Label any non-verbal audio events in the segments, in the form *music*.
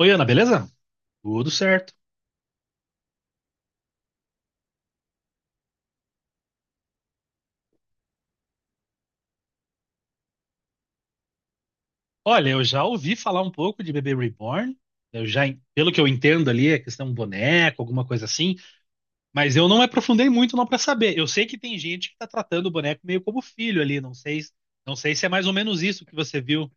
Oi, Ana, beleza? Tudo certo. Olha, eu já ouvi falar um pouco de Bebê Reborn. Pelo que eu entendo ali, é questão de um boneco, alguma coisa assim, mas eu não me aprofundei muito não para saber. Eu sei que tem gente que tá tratando o boneco meio como filho ali, não sei, não sei se é mais ou menos isso que você viu.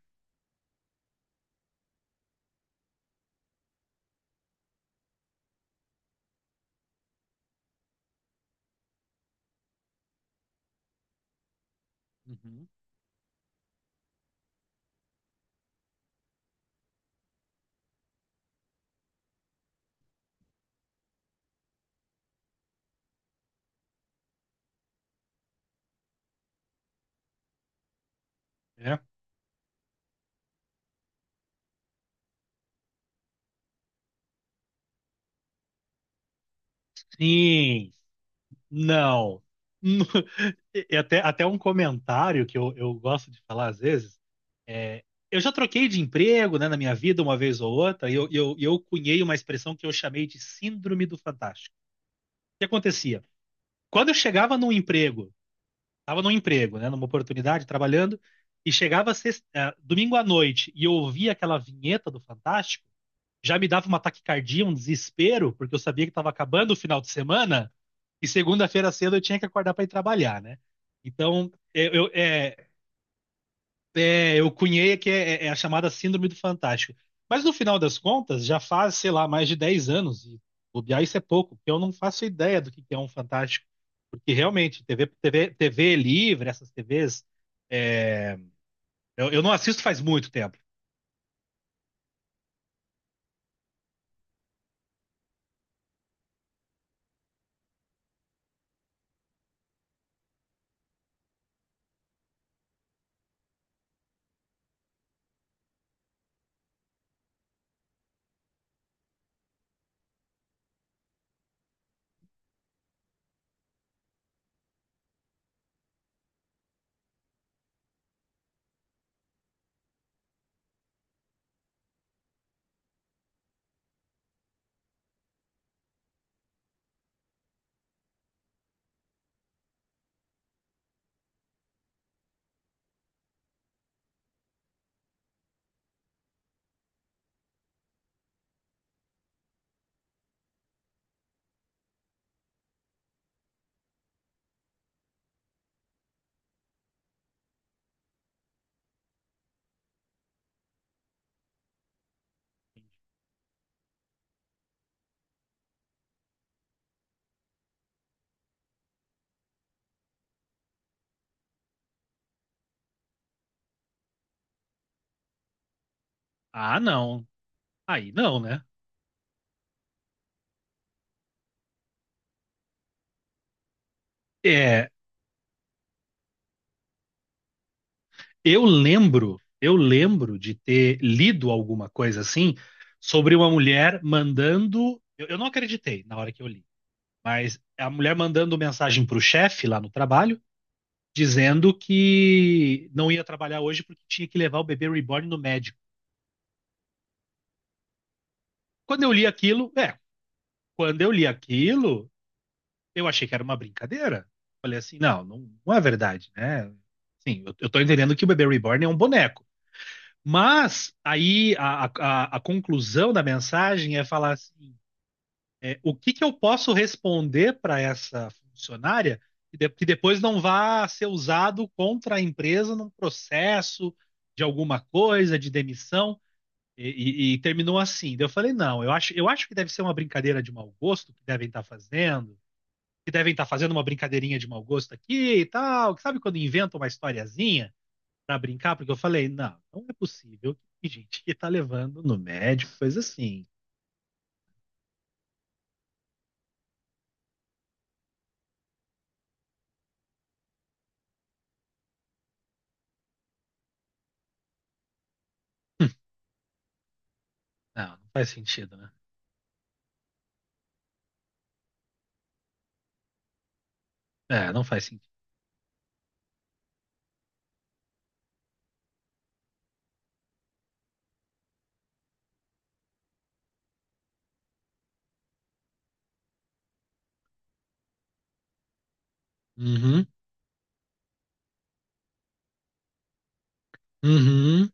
Uhum. É? Sim. Não. *laughs* E até, até um comentário que eu gosto de falar às vezes. é, eu já troquei de emprego, né, na minha vida, uma vez ou outra, e eu cunhei uma expressão que eu chamei de Síndrome do Fantástico. O que acontecia? Quando eu chegava num emprego, estava num emprego, né, numa oportunidade, trabalhando, e chegava domingo à noite e eu ouvia aquela vinheta do Fantástico, já me dava uma taquicardia, um desespero, porque eu sabia que estava acabando o final de semana, e segunda-feira cedo eu tinha que acordar para ir trabalhar, né? Então, eu, eu, eh, eu cunhei que é a chamada Síndrome do Fantástico. Mas no final das contas, já faz, sei lá, mais de 10 anos, e bobear isso é pouco, porque eu não faço ideia do que é um Fantástico. Porque realmente, TV livre, essas TVs, é, eu não assisto faz muito tempo. Ah, não. Aí não, né? É, eu lembro de ter lido alguma coisa assim sobre uma mulher mandando. Eu não acreditei na hora que eu li. Mas a mulher mandando mensagem para o chefe lá no trabalho, dizendo que não ia trabalhar hoje porque tinha que levar o bebê reborn no médico. Quando eu li aquilo, é, Quando eu li aquilo, eu achei que era uma brincadeira. Falei assim, não é verdade, né? Sim, eu tô entendendo que o bebê reborn é um boneco. Mas aí a conclusão da mensagem é falar assim: o que que eu posso responder para essa funcionária que depois não vá ser usado contra a empresa num processo de alguma coisa, de demissão? E, e terminou assim. Daí eu falei, não, eu acho que deve ser uma brincadeira de mau gosto que devem estar fazendo, que devem estar fazendo uma brincadeirinha de mau gosto aqui e tal. Que sabe quando inventam uma historiazinha para brincar? Porque eu falei, não, não é possível que gente que tá levando no médico, coisa assim. Não, não faz sentido, né? É, não faz sentido. Uhum. Uhum,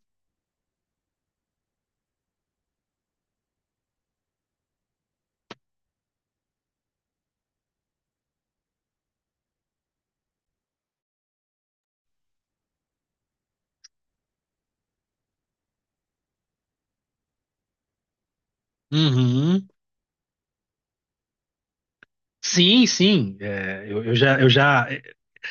uhum. Sim, sim. Eu já.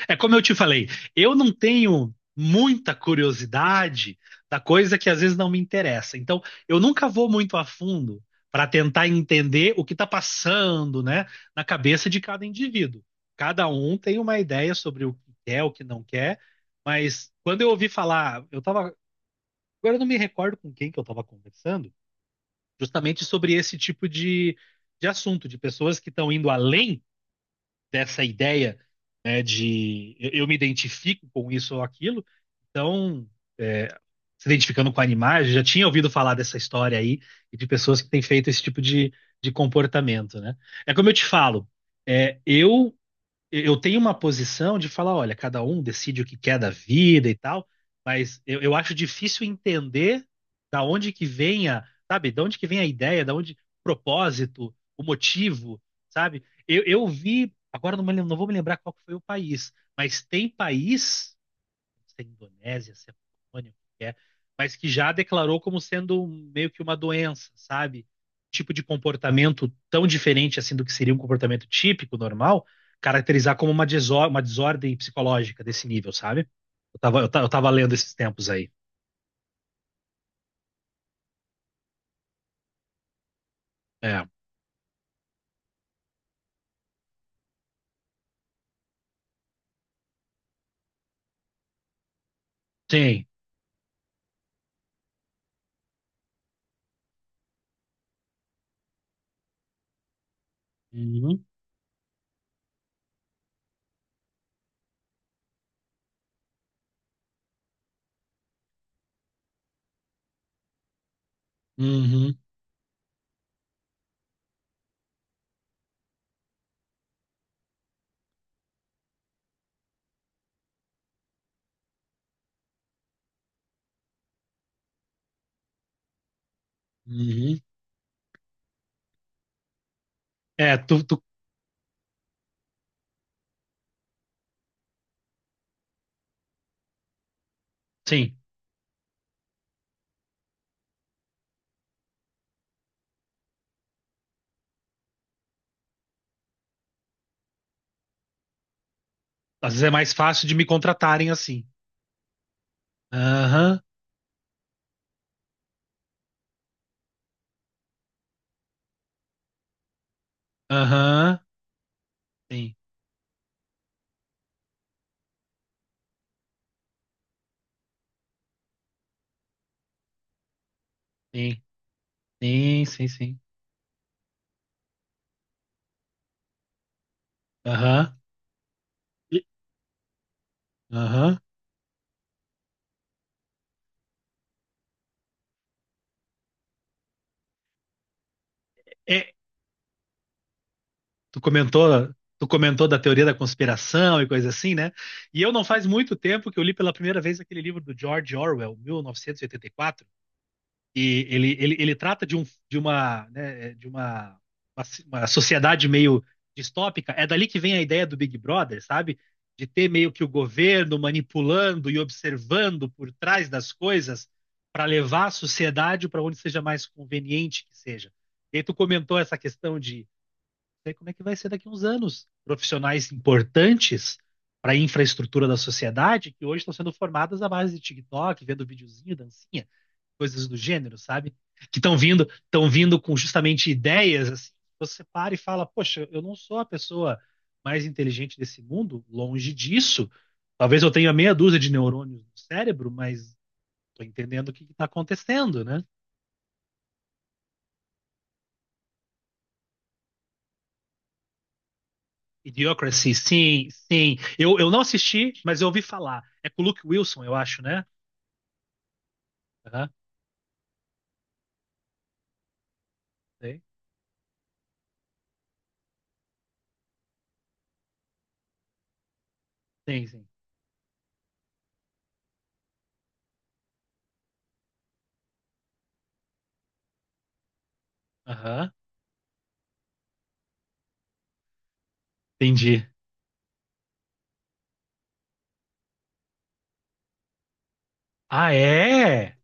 É como eu te falei, eu não tenho muita curiosidade da coisa que às vezes não me interessa. Então, eu nunca vou muito a fundo para tentar entender o que está passando, né, na cabeça de cada indivíduo. Cada um tem uma ideia sobre o que quer, o que não quer, mas quando eu ouvi falar, eu tava. Agora eu não me recordo com quem que eu estava conversando. Justamente sobre esse tipo de assunto, de pessoas que estão indo além dessa ideia, né, de eu me identifico com isso ou aquilo, então é, se identificando com animais, eu já tinha ouvido falar dessa história aí e de pessoas que têm feito esse tipo de comportamento, né? É como eu te falo, é, eu eu tenho uma posição de falar, olha, cada um decide o que quer da vida e tal, mas eu acho difícil entender da onde que vem a, sabe, da onde que vem a ideia, da onde o propósito, o motivo, sabe? Eu vi, agora não, me lem- não vou me lembrar qual que foi o país, mas tem país se é Indonésia, se é Polônia, o que é, mas que já declarou como sendo meio que uma doença, sabe? Tipo de comportamento tão diferente assim do que seria um comportamento típico, normal, caracterizar como uma desordem psicológica desse nível, sabe? Eu tava lendo esses tempos aí. É, sim. Uhum, uhum, uhum. É, tu, sim. Às vezes é mais fácil de me contratarem assim. Aham, aham, sim, sim, sim, sim, sim. Aham, e- aham. É, tu comentou, tu comentou da teoria da conspiração e coisa assim, né? E eu não faz muito tempo que eu li pela primeira vez aquele livro do George Orwell, 1984, e ele trata de uma, né, uma, uma sociedade meio distópica. É dali que vem a ideia do Big Brother, sabe? De ter meio que o governo manipulando e observando por trás das coisas para levar a sociedade para onde seja mais conveniente que seja. E aí tu comentou essa questão de sei como é que vai ser daqui a uns anos. Profissionais importantes para a infraestrutura da sociedade que hoje estão sendo formadas à base de TikTok, vendo videozinho, dancinha, coisas do gênero, sabe? Que estão vindo com justamente ideias assim. Você para e fala, poxa, eu não sou a pessoa mais inteligente desse mundo, longe disso. Talvez eu tenha meia dúzia de neurônios no cérebro, mas estou entendendo o que está acontecendo, né? Idiocracy, sim, sim. Eu não assisti, mas eu ouvi falar. É com o Luke Wilson, eu acho, né? Aham, sei. Sim, sim. Aham, entendi. Ah, é?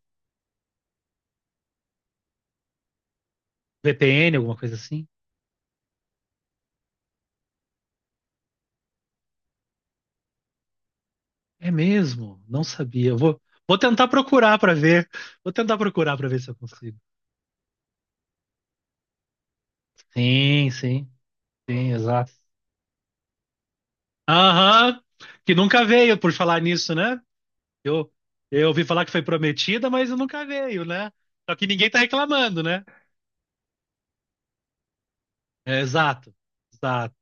VPN, alguma coisa assim? É mesmo? Não sabia. Eu vou, vou tentar procurar pra ver. Vou tentar procurar pra ver se eu consigo. Sim, sim, sim, exato. Aham, que nunca veio por falar nisso, né? Eu, eu ouvi falar que foi prometida, mas nunca veio, né? Só que ninguém tá reclamando, né? É, exato. Exato.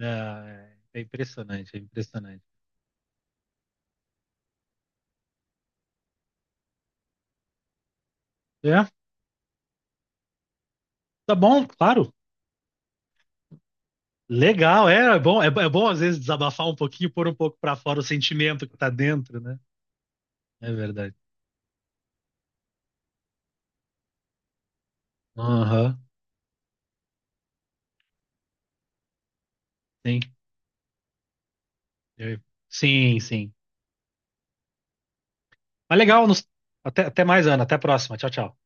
É, é impressionante, é impressionante. É, tá bom, claro. Legal, é bom às vezes desabafar um pouquinho, pôr um pouco pra fora o sentimento que tá dentro, né? É verdade. Aham, sim. Eu- Sim, sim. Mas legal, nos- até, até mais, Ana. Até a próxima. Tchau, tchau.